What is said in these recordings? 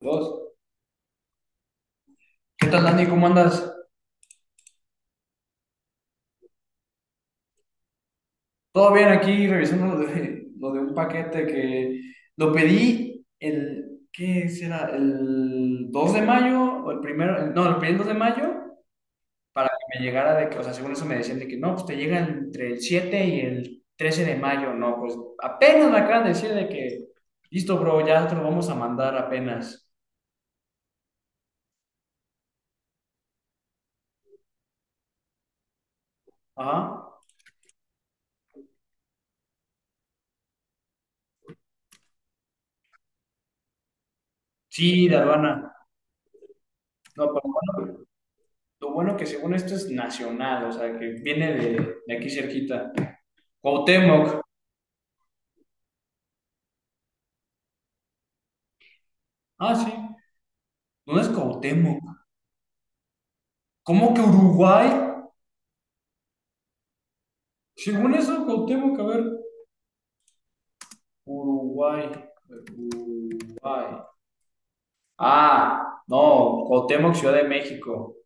Dos. ¿Qué tal, Dani? ¿Cómo andas? Todo bien aquí, revisando lo de un paquete que lo pedí el, ¿qué será? El 2 de mayo o el primero, no, lo pedí el 2 de mayo para que me llegara de que, o sea, según eso me decían de que no, pues te llega entre el 7 y el 13 de mayo, no, pues apenas me acaban de decir de que, listo, bro, ya te lo vamos a mandar apenas. Ajá. Sí, de aduana. No, pero bueno, lo bueno que según esto es nacional, o sea, que viene de aquí cerquita. Cuauhtémoc. Ah, sí. No es Cuauhtémoc. ¿Cómo que Uruguay? Según eso, Cuauhtémoc, a ver. Uruguay. Uruguay. Ah, no. Cuauhtémoc, Ciudad de México.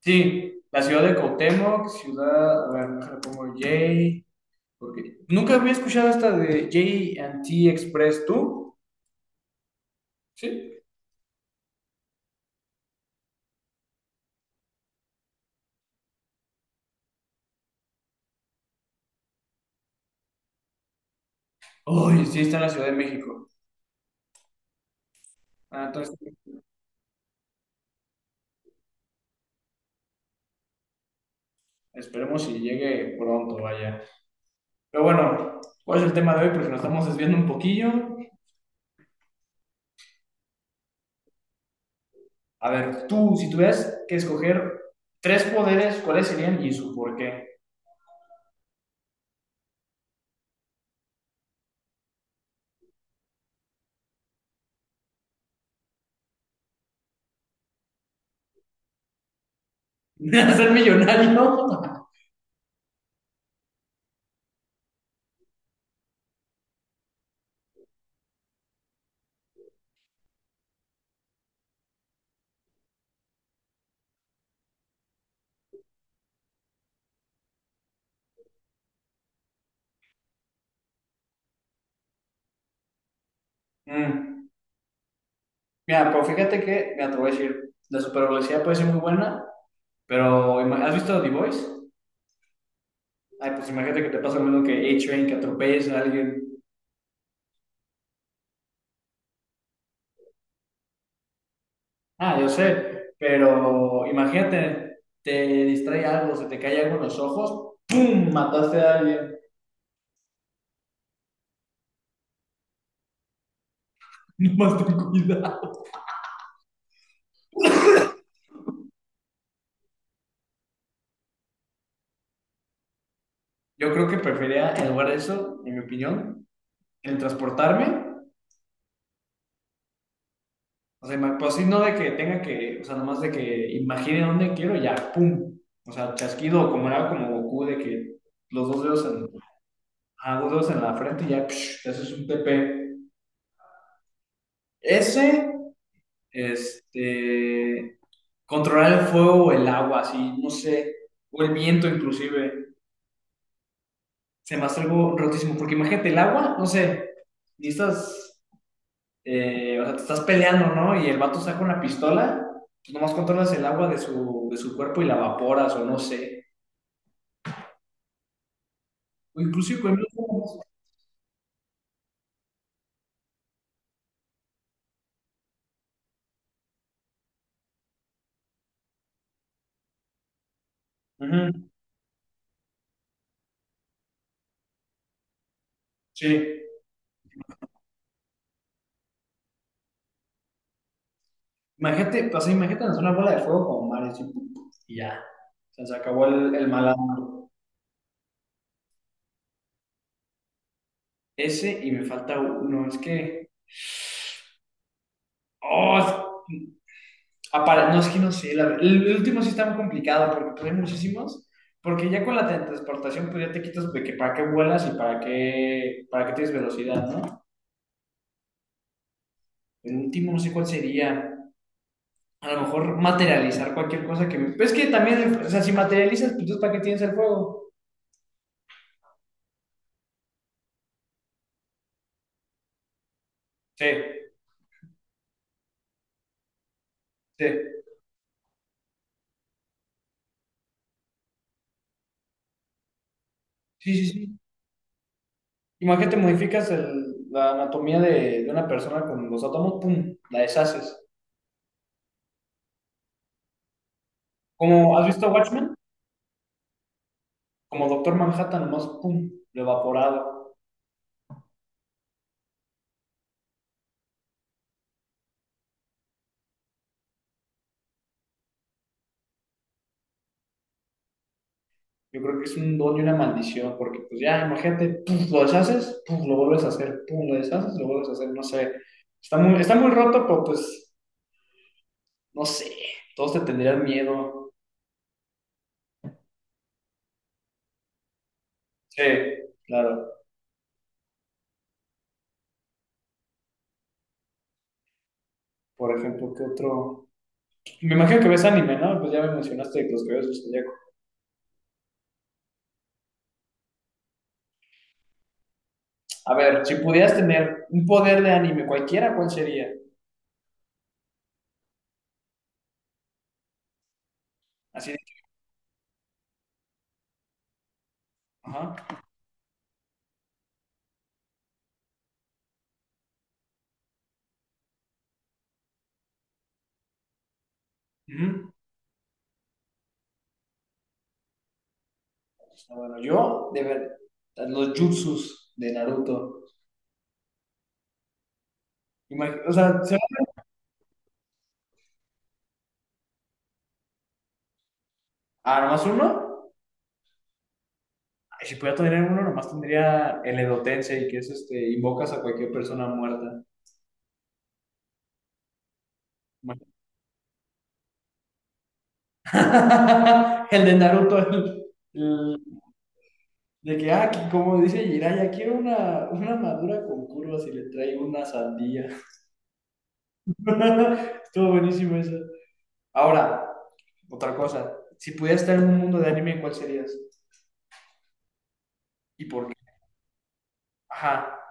Sí, la ciudad de Cuauhtémoc, ciudad. A ver, déjale pongo J. Porque nunca había escuchado esta de J and T Express, ¿tú? Sí. Uy sí, está en la Ciudad de México. Ah, entonces, esperemos si llegue pronto, vaya. Pero bueno, ¿cuál es el tema de hoy? Porque nos estamos desviando un poquillo. A ver, tú, si tuvieras que escoger tres poderes, ¿cuáles serían y su por qué? ¿Ser millonario? Mm, mira, pero fíjate que, mira, te voy a decir, la supervelocidad puede ser muy buena, pero ¿has visto The Voice? Ay, pues imagínate que te pasa lo mismo que A-Train, que atropelles a alguien. Ah, yo sé, pero imagínate, te distrae algo, se te cae algo en los ojos, ¡pum! Mataste a alguien. No más ten cuidado. Yo creo que prefería, en lugar de eso, en mi opinión, el transportarme. O sea, pues sí, no de que tenga que, o sea, nomás de que imagine dónde quiero y ya, ¡pum! O sea, chasquido, como era como Goku, de que los dos dedos en, ah, dos dedos en la frente y ya, psh, te haces un TP. Ese, este, controlar el fuego o el agua, así, no sé, o el viento inclusive, se me hace algo rotísimo, porque imagínate el agua, no sé, necesitas o sea, te estás peleando, ¿no? Y el vato saca una pistola, tú nomás controlas el agua de su cuerpo y la evaporas, o no sé. O inclusive con los bombas. Ujú. Sí. Imagínate, pues, imagínate lanzar una bola de fuego como mares y, pum, pum, y ya. O sea, se acabó el malandro. Ese y me falta uno. Es que. Oh, no, es que no sé. El último sí está muy complicado porque pues, hay muchísimos. Porque ya con la teletransportación, pues ya te quitas de que para qué vuelas y para qué tienes velocidad, ¿no? El último, no sé cuál sería. A lo mejor materializar cualquier cosa que me. Pues es que también, o sea, si materializas, pues ¿para qué tienes el fuego? Sí, sí, sí, sí, sí. Imagínate, modificas la anatomía de una persona con los átomos, pum, la deshaces. Como, ¿has visto Watchmen? Como Doctor Manhattan, nomás, pum, lo evaporado. Yo creo que es un don y una maldición, porque pues ya, imagínate, pum, lo deshaces, pum, lo vuelves a hacer, pum, lo deshaces, lo vuelves a hacer, no sé. Está muy roto, pero pues no sé, todos te tendrían miedo. Sí, claro. Por ejemplo, ¿qué otro? Me imagino que ves anime, ¿no? Pues ya me mencionaste que los que ves los zodiaco. A ver, si pudieras tener un poder de anime, cualquiera, ¿cuál sería? Así de... Ajá. Ujú. Ah, bueno, yo, de ver, los jutsus de Naruto. O sea, ¿se- ah, nomás uno. Ay, si pudiera tener uno, nomás tendría el Edo Tensei, que es este, invocas a cualquier persona muerta. Imagínate. El de Naruto, el de que, ah, aquí, como dice Jiraya, quiero una madura con curvas y le traigo una sandía. Estuvo buenísimo eso. Ahora, otra cosa. Si pudieras estar en un mundo de anime, ¿cuál serías? ¿Y por qué? Ajá.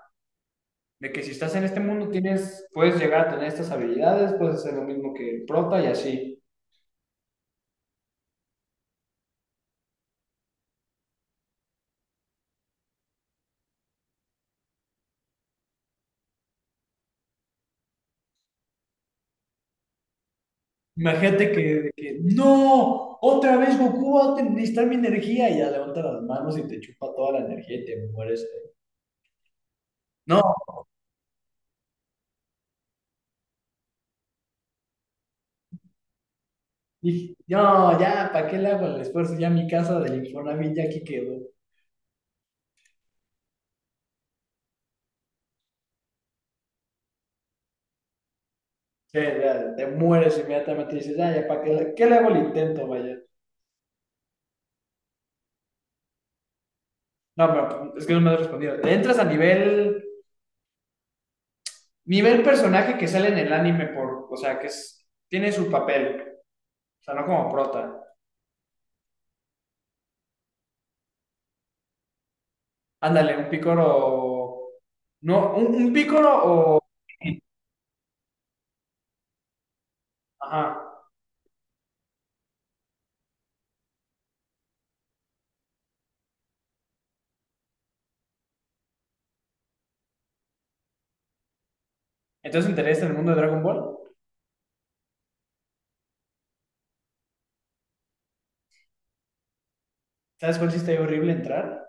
De que si estás en este mundo tienes, puedes llegar a tener estas habilidades, puedes hacer lo mismo que el prota y así. Imagínate que, de que, no, otra vez Goku va necesitar mi energía y ya levanta las manos y te chupa toda la energía y te mueres. ¿Eh? No, dije, no, ya, ¿para qué le hago el esfuerzo? Ya mi casa del Infonavit ya aquí quedó. Sí, ya, te mueres inmediatamente y dices, ya, ya, ¿para qué, qué le hago el intento, vaya? No, pero es que no me has respondido. Te entras a nivel personaje que sale en el anime por, o sea, que tiene su papel, o sea, no como prota. Ándale, un pícoro, no, un pícoro o, ajá. Entonces, ¿te interesa en el mundo de Dragon Ball? ¿Sabes cuál sí está horrible entrar?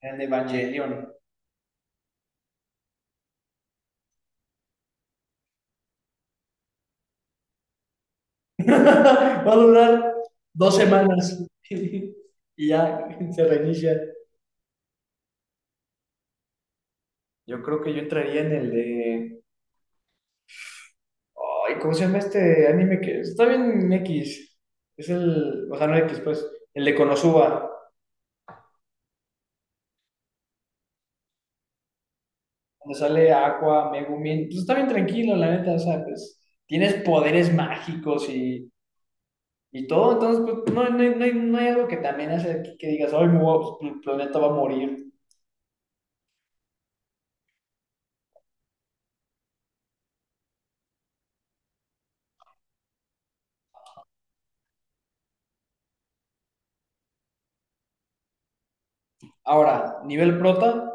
En el de Evangelion. Va a durar dos semanas y ya se reinicia. Yo creo que yo entraría en el de. Ay, ¿cómo se llama este anime que está bien X? Es el. O sea, no X, pues. El de Konosuba. Donde sale Aqua, Megumin. Pues está bien tranquilo, la neta. O sea, pues. Tienes poderes mágicos y todo. Entonces, pues, no hay, no hay algo que también hace que digas, ay, me voy el planeta va a morir. Ahora, nivel prota,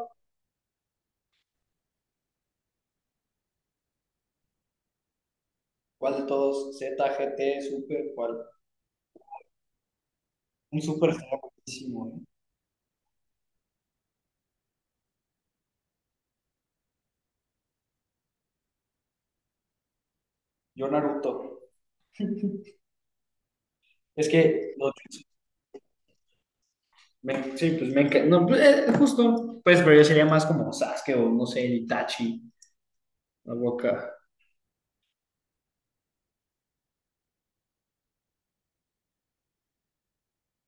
¿cuál de todos? Z, G T Super, ¿cuál? Un Super está buenísimo, ¿eh? Yo Naruto. Es que los jutsu sí, pues me encanta. No, pues, justo. Pues, pero yo sería más como Sasuke o no sé, Itachi. La boca.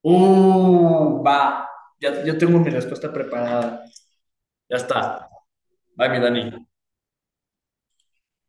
Va. Ya, yo tengo mi respuesta preparada. Ya está. Bye, mi Dani.